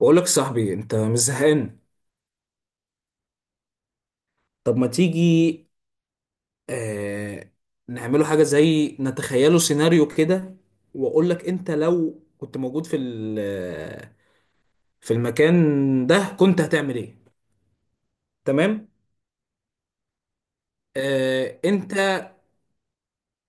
بقول لك صاحبي انت مش زهقان. طب ما تيجي. آه نعمله حاجه زي نتخيله سيناريو كده. واقول لك انت لو كنت موجود في المكان ده كنت هتعمل ايه؟ تمام. آه انت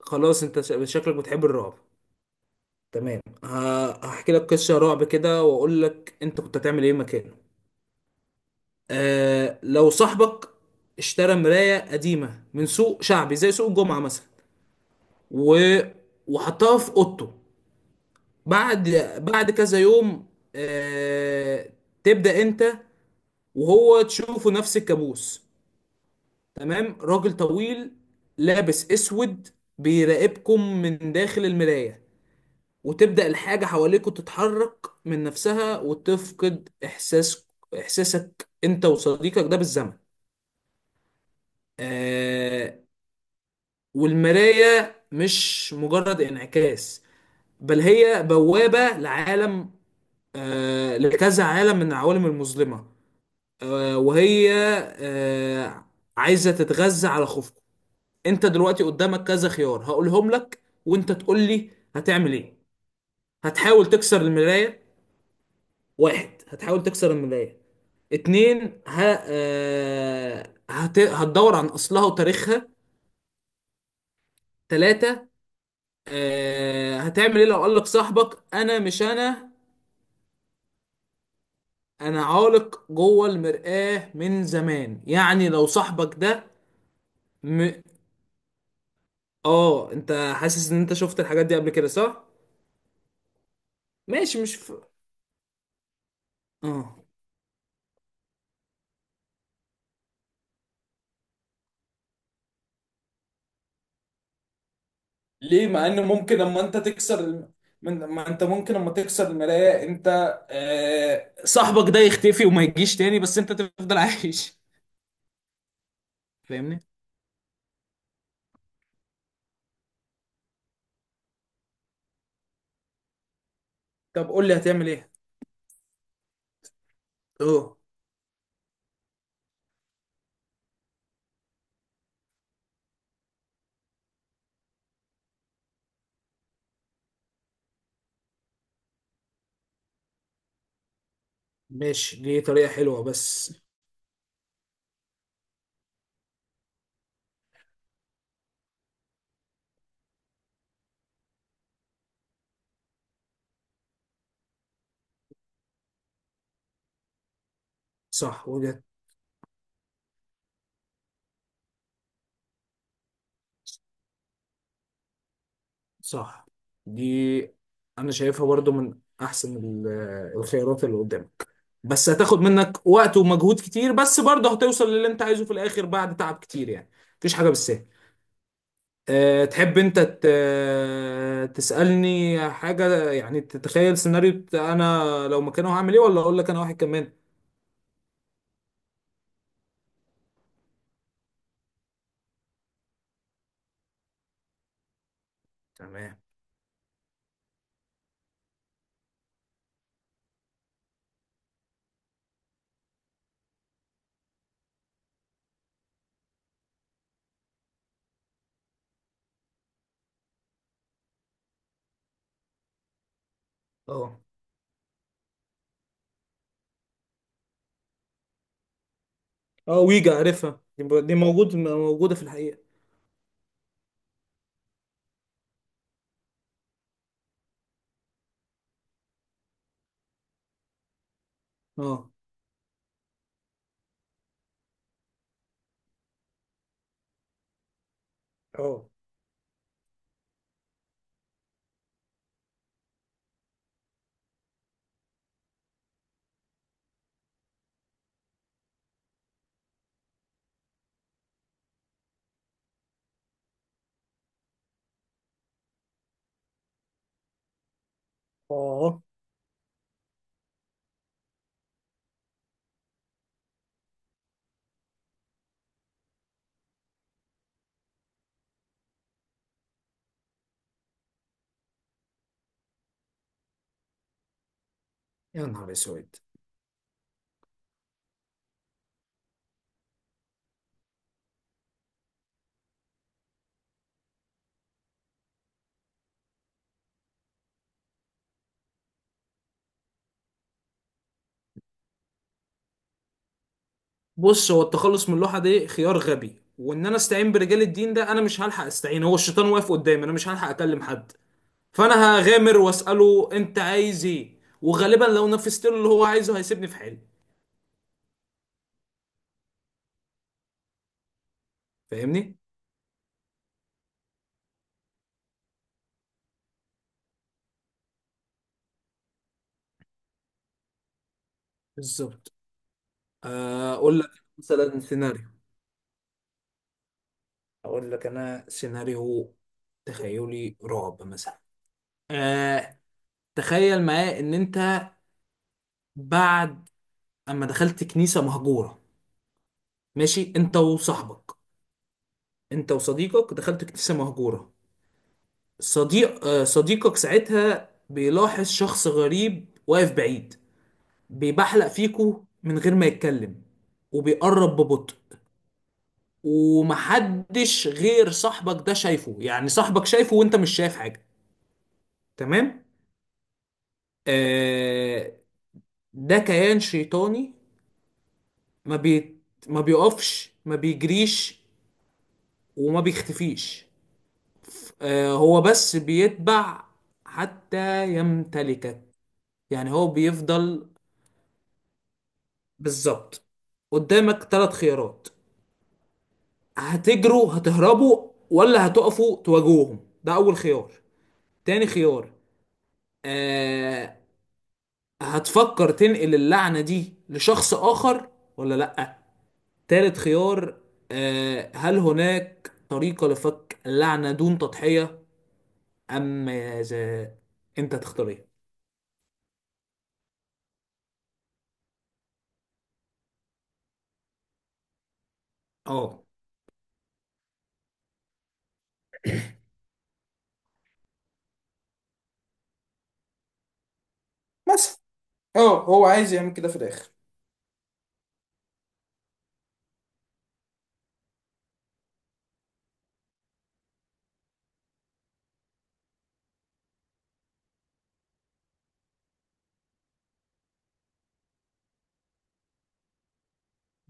خلاص انت شكلك بتحب الرعب. تمام، هحكي لك قصه رعب كده واقول لك انت كنت هتعمل ايه مكانه. لو صاحبك اشترى مرايه قديمه من سوق شعبي زي سوق الجمعه مثلا و... وحطها في اوضته. بعد بعد كذا يوم آه... تبدأ انت وهو تشوفه نفس الكابوس. تمام، راجل طويل لابس اسود بيراقبكم من داخل المراية، وتبدأ الحاجة حواليكوا تتحرك من نفسها وتفقد إحساسك أنت وصديقك ده بالزمن. آه والمراية مش مجرد انعكاس، بل هي بوابة لعالم، لكذا عالم من العوالم المظلمة، وهي آه، عايزة تتغذى على خوفكم. انت دلوقتي قدامك كذا خيار هقولهم لك وانت تقول لي هتعمل ايه. هتحاول تكسر المراية. واحد، هتحاول تكسر المراية. اتنين، هتدور عن اصلها وتاريخها. تلاتة، هتعمل ايه لو قالك صاحبك انا مش انا، انا عالق جوه المرآة من زمان. يعني لو صاحبك ده م... اه، انت حاسس ان انت شفت الحاجات دي قبل كده صح؟ ماشي، مش اه، ليه مع ان ممكن اما انت تكسر ما انت ممكن اما تكسر المراية انت صاحبك ده يختفي وما يجيش تاني بس انت تفضل عايش. فاهمني؟ طب قول لي هتعمل ايه. اه، ماشي، دي طريقة حلوة بس. صح، وجهة. صح، دي انا شايفها برضو من احسن الخيارات اللي قدامك. بس هتاخد منك وقت ومجهود كتير، بس برضه هتوصل للي انت عايزه في الاخر بعد تعب كتير يعني. مفيش حاجه بالسهل. تحب انت تسالني حاجه، يعني تتخيل سيناريو انا لو مكانه هعمل ايه، ولا اقول لك انا واحد كمان؟ تمام. اه. اه، ويجا عارفها دي، دي موجوده في الحقيقه. اه. اه. اه، يا نهار اسود. بص، هو التخلص من اللوحه دي خيار غبي، وان انا استعين برجال الدين ده انا مش هلحق استعين، هو الشيطان واقف قدامي انا مش هلحق اكلم حد. فانا هغامر واساله انت عايز ايه، وغالبا لو نفذت له اللي هو عايزه هيسيبني في حالي. فاهمني؟ بالظبط. اقول لك مثلا سيناريو. اقول لك انا سيناريو. تخيلي رعب مثلا. آه تخيل معايا ان انت بعد اما دخلت كنيسة مهجورة. ماشي، انت وصاحبك. انت وصديقك دخلت كنيسة مهجورة. صديقك ساعتها بيلاحظ شخص غريب واقف بعيد بيبحلق فيكو من غير ما يتكلم، وبيقرب ببطء، ومحدش غير صاحبك ده شايفه. يعني صاحبك شايفه وانت مش شايف حاجة. تمام. آه ده كيان شيطاني. ما بي ما بيقفش، ما بيجريش، وما بيختفيش. هو بس بيتبع حتى يمتلكك. يعني هو بيفضل. بالظبط. قدامك ثلاث خيارات. هتجروا، هتهربوا، ولا هتقفوا تواجهوهم، ده اول خيار. تاني خيار: آه هتفكر تنقل اللعنة دي لشخص اخر ولا لا. تالت خيار: هل هناك طريقة لفك اللعنة دون تضحية ام ماذا؟ انت تختار ايه؟ اه، مثلا. اه، هو عايز يعمل كده في الاخر.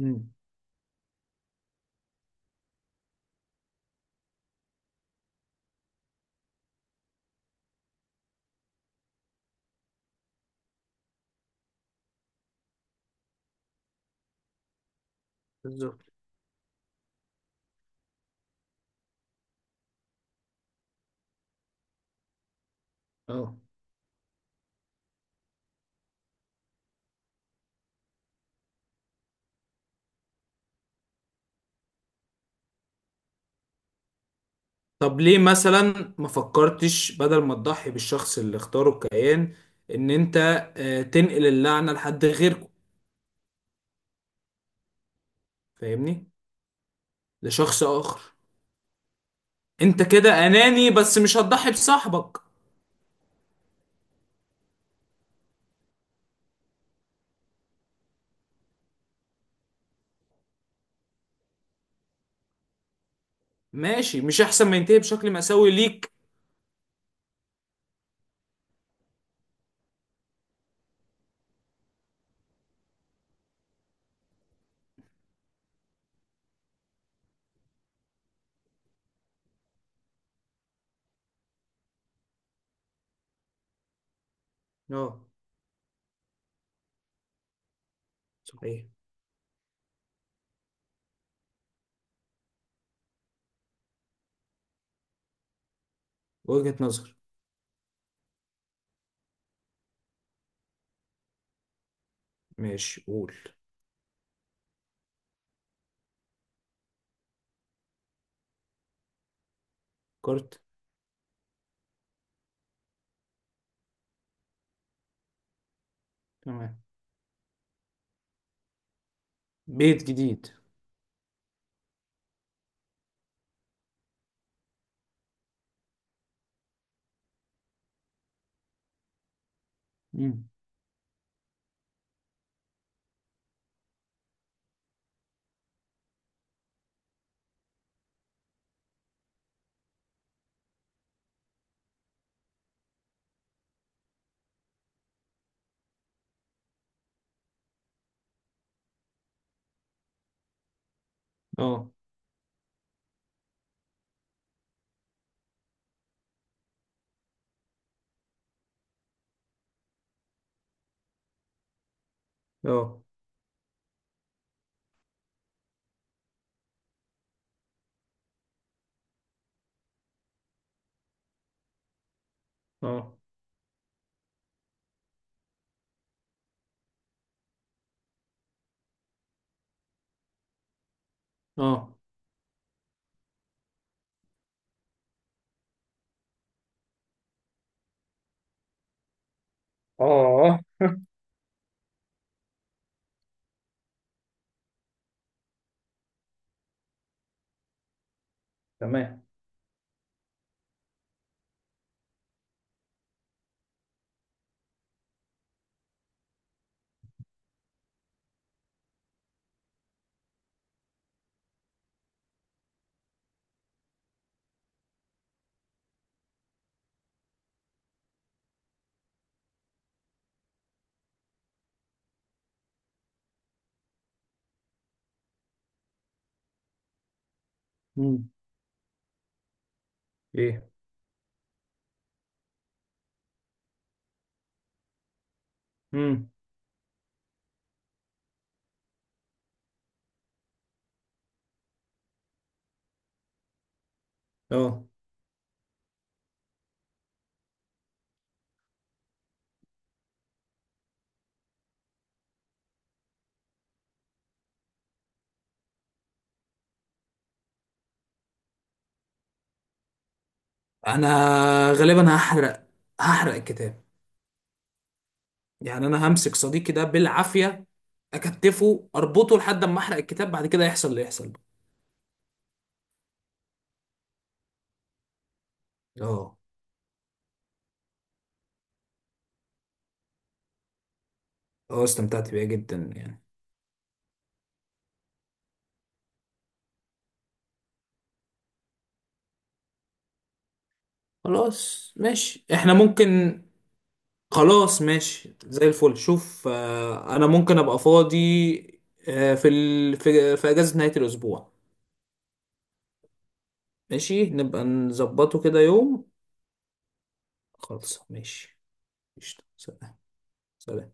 امم. بالظبط. اه، طب ليه مثلا ما فكرتش بدل ما تضحي بالشخص اللي اختاره الكيان، ان انت تنقل اللعنة لحد غيركم. فاهمني؟ لشخص اخر. انت كده اناني بس مش هتضحي بصاحبك. ماشي، مش احسن ما ينتهي بشكل مأساوي ليك. اه، صحيح. وجهة نظر. ماشي، قول. كارت. تمام، بيت جديد. مم. اه. اه. اه. اه. اه. تمام. مم. ايه. مم. اه، انا غالبا هحرق، هحرق الكتاب. يعني انا همسك صديقي ده بالعافيه اكتفه اربطه لحد اما احرق الكتاب، بعد كده يحصل اللي يحصل بقى. اه. اه، استمتعت بيها جدا يعني. خلاص ماشي احنا ممكن. خلاص ماشي زي الفل. شوف، انا ممكن ابقى فاضي آه، في ال... في في اجازه نهايه الاسبوع. ماشي، نبقى نظبطه كده يوم. خلاص ماشي. قشطة. سلام. سلام.